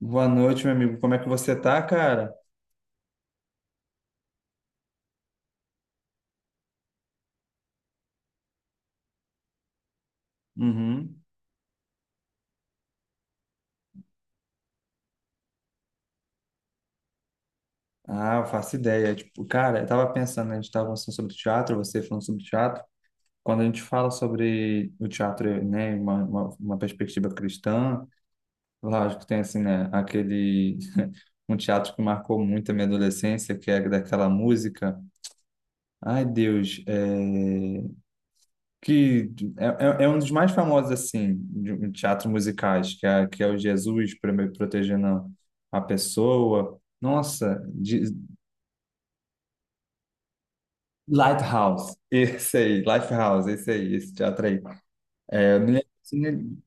Boa noite, meu amigo. Como é que você tá, cara? Uhum. Ah, eu faço ideia. Tipo, cara, eu tava pensando, né, a gente tava falando sobre teatro, você falando sobre teatro. Quando a gente fala sobre o teatro, né, uma perspectiva cristã, lógico que tem assim, né, aquele um teatro que marcou muito a minha adolescência, que é daquela música. Ai, Deus, que é um dos mais famosos assim de teatro musicais, que é o Jesus protegendo a pessoa. Nossa, Lighthouse, esse aí, Lifehouse, esse aí, esse teatro aí. É, eu não lembro, assim,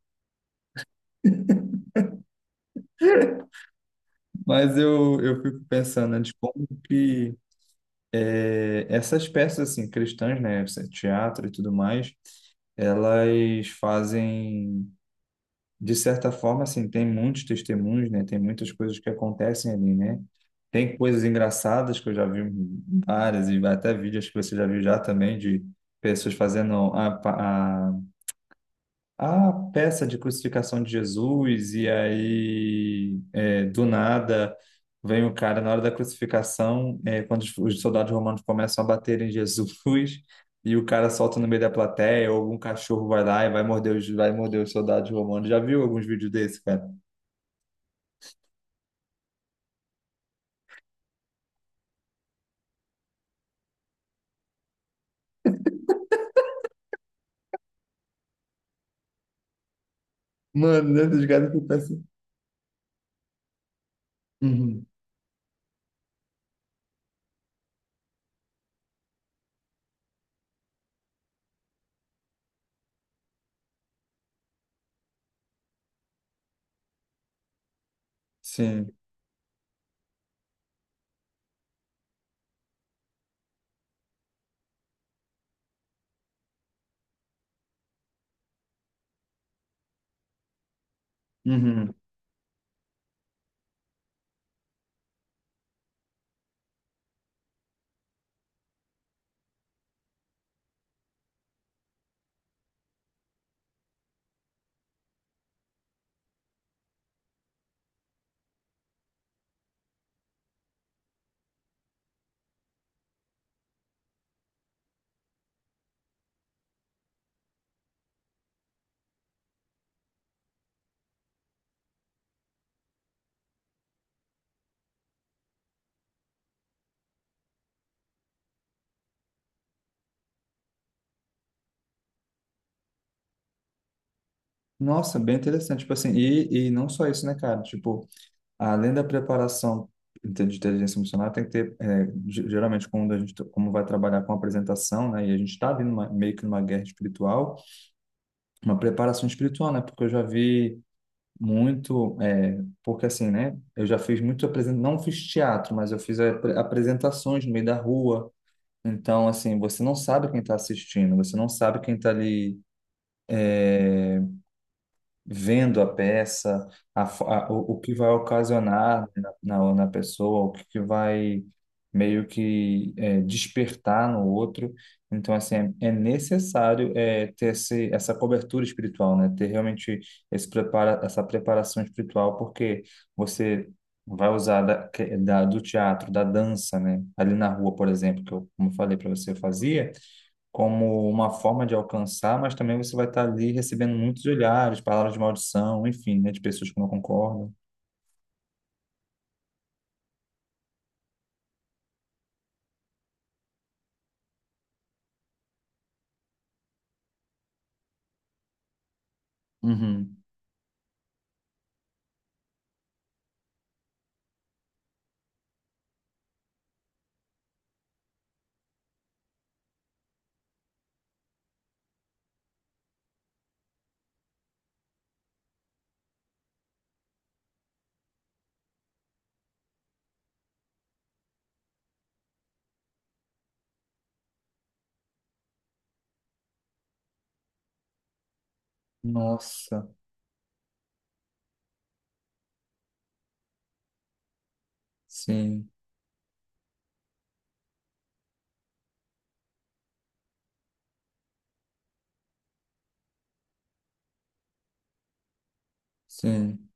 mas eu fico pensando, né, de como que essas peças assim cristãs, né, esse teatro e tudo mais, elas fazem, de certa forma, assim, tem muitos testemunhos, né? Tem muitas coisas que acontecem ali, né? Tem coisas engraçadas que eu já vi várias e até vídeos que você já viu já também de pessoas fazendo a peça de crucificação de Jesus, e aí, é, do nada, vem o cara na hora da crucificação, é, quando os soldados romanos começam a bater em Jesus, e o cara solta no meio da plateia, ou algum cachorro vai lá e vai morder vai morder os soldados romanos. Já viu alguns vídeos desse, cara? Mano, né, dos caras que pensam. Uhum. Sim. Uhum. Nossa, bem interessante. Tipo assim, e não só isso, né, cara? Tipo, além da preparação de inteligência emocional, tem que ter, é, geralmente, quando a gente, tá, como vai trabalhar com apresentação, né, e a gente está vindo numa, meio que numa guerra espiritual, uma preparação espiritual, né, porque eu já vi muito, é, porque assim, né, eu já fiz muito, não fiz teatro, mas eu fiz apresentações no meio da rua, então, assim, você não sabe quem está assistindo, você não sabe quem está ali vendo a peça, a, fo- a- o que vai ocasionar, né, na pessoa, que vai meio que é despertar no outro. Então, assim, é, é necessário é ter esse, essa cobertura espiritual, né? Ter realmente esse prepara, essa preparação espiritual, porque você vai usar do teatro, da dança, né? Ali na rua, por exemplo, que eu, como eu falei para você, eu fazia, como uma forma de alcançar, mas também você vai estar ali recebendo muitos olhares, palavras de maldição, enfim, né, de pessoas que não concordam. Uhum. Nossa, sim, sim.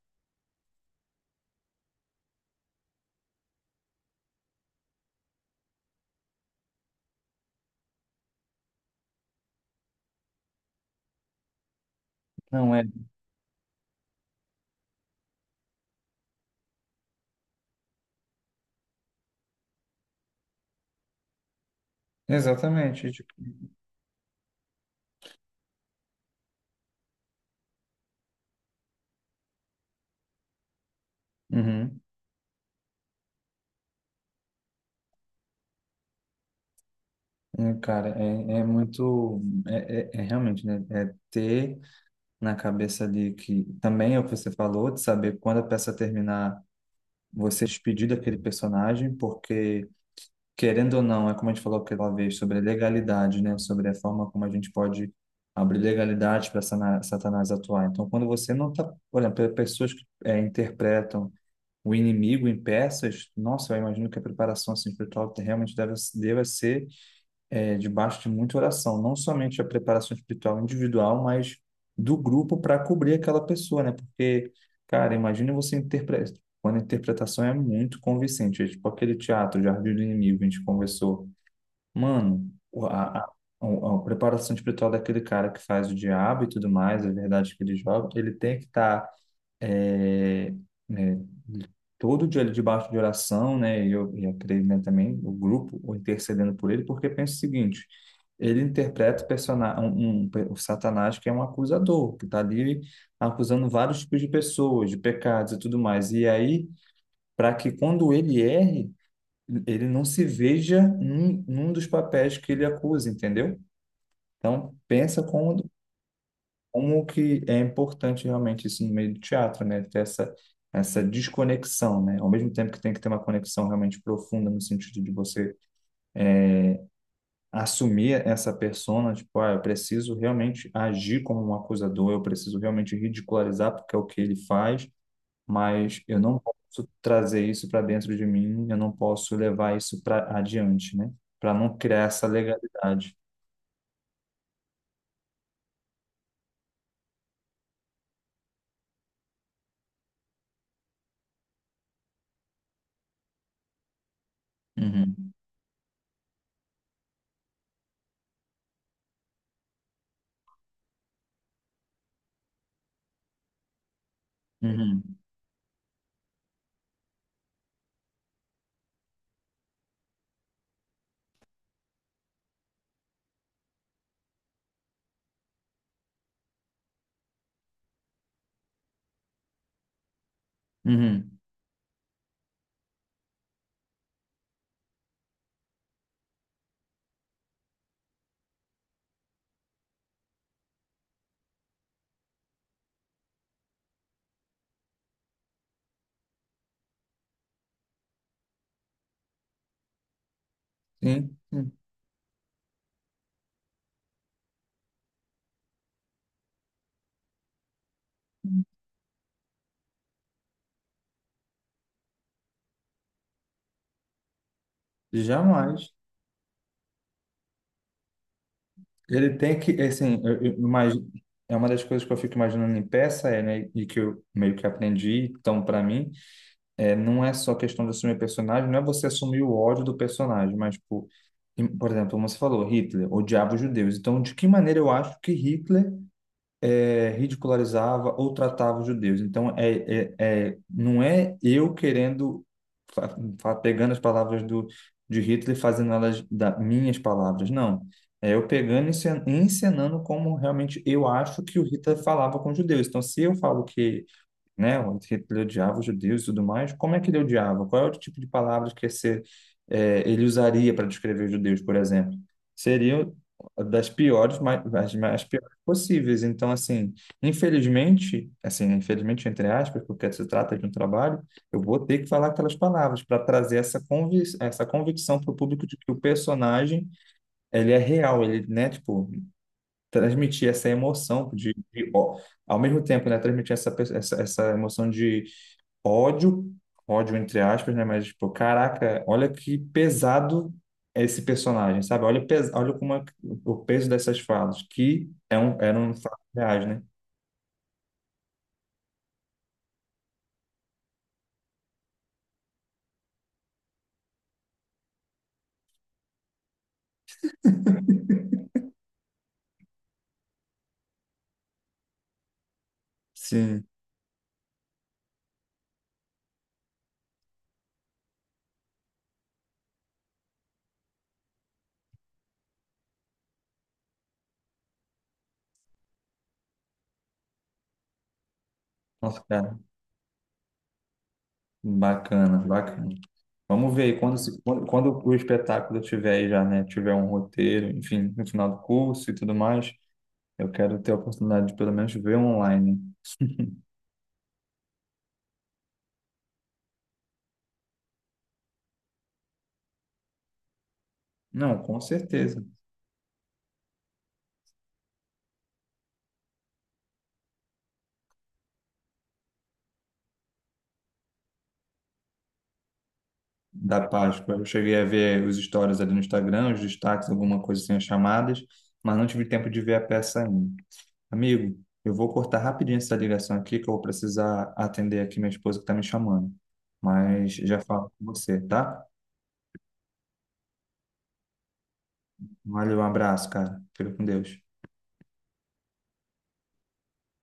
Não é, exatamente, tipo, uhum. É, cara, é, é muito, é, é, é realmente, né, é ter na cabeça ali que também é o que você falou, de saber quando a peça terminar, você se despedir daquele personagem, porque querendo ou não, é como a gente falou aquela vez sobre a legalidade, né? Sobre a forma como a gente pode abrir legalidade para Satanás atuar. Então, quando você não está, por exemplo, pessoas que eh interpretam o inimigo em peças, nossa, eu imagino que a preparação assim espiritual realmente deve, deve ser é debaixo de muita oração, não somente a preparação espiritual individual, mas do grupo para cobrir aquela pessoa, né? Porque, cara, imagina você interpretar, quando a interpretação é muito convincente, é tipo aquele teatro, Jardim do Inimigo, a gente conversou. Mano, a, a, a preparação espiritual daquele cara que faz o diabo e tudo mais, a verdade que ele joga, ele tem que estar todo dia debaixo de oração, né? E eu creio, né, também, o grupo o intercedendo por ele, porque pensa o seguinte, ele interpreta o personagem, o Satanás, que é um acusador, que está ali acusando vários tipos de pessoas, de pecados e tudo mais. E aí, para que quando ele erre, ele não se veja num dos papéis que ele acusa, entendeu? Então, pensa como, como que é importante realmente isso no meio do teatro, né? Ter essa, essa desconexão, né? Ao mesmo tempo que tem que ter uma conexão realmente profunda no sentido de você assumir essa persona, tipo, ah, eu preciso realmente agir como um acusador, eu preciso realmente ridicularizar porque é o que ele faz, mas eu não posso trazer isso para dentro de mim, eu não posso levar isso para adiante, né? Para não criar essa legalidade. Uhum. Uhum. Uhum. Sim, sim. Jamais. Ele tem que, assim, eu imagino, é uma das coisas que eu fico imaginando em peça, é, né, e que eu meio que aprendi, então, para mim, é, não é só questão de assumir personagem, não é você assumir o ódio do personagem, mas, tipo, por exemplo, como você falou, Hitler odiava os judeus. Então, de que maneira eu acho que Hitler eh ridicularizava ou tratava os judeus. Então, não é eu querendo, pegando as palavras de Hitler e fazendo elas da, minhas palavras, não. É eu pegando e encenando como realmente eu acho que o Hitler falava com os judeus. Então, se eu falo que né? Que ele odiava os judeus e tudo mais. Como é que ele odiava? Qual é o tipo de palavras que ia ser, eh, ele usaria para descrever os judeus, por exemplo? Seriam das piores, mais, as mais piores possíveis. Então, assim, infelizmente entre aspas, porque se trata de um trabalho, eu vou ter que falar aquelas palavras para trazer essa convic essa convicção para o público de que o personagem ele é real, ele, né, tipo, transmitir essa emoção de ó, ao mesmo tempo, né, transmitir essa, essa emoção de ódio, ódio entre aspas, né? Mas, tipo, caraca, olha que pesado é esse personagem, sabe? Olha, olha como é o peso dessas falas, que é um, eram falas reais, né? Sim. Nossa, cara, bacana, bacana. Vamos ver aí, quando, quando, quando o espetáculo tiver aí já, né? Tiver um roteiro, enfim, no final do curso e tudo mais, eu quero ter a oportunidade de pelo menos ver online. Não, com certeza. Da Páscoa. Eu cheguei a ver os stories ali no Instagram, os destaques, alguma coisa assim, as chamadas, mas não tive tempo de ver a peça ainda. Amigo, eu vou cortar rapidinho essa ligação aqui, que eu vou precisar atender aqui minha esposa que está me chamando. Mas já falo com você, tá? Valeu, um abraço, cara. Fica com Deus.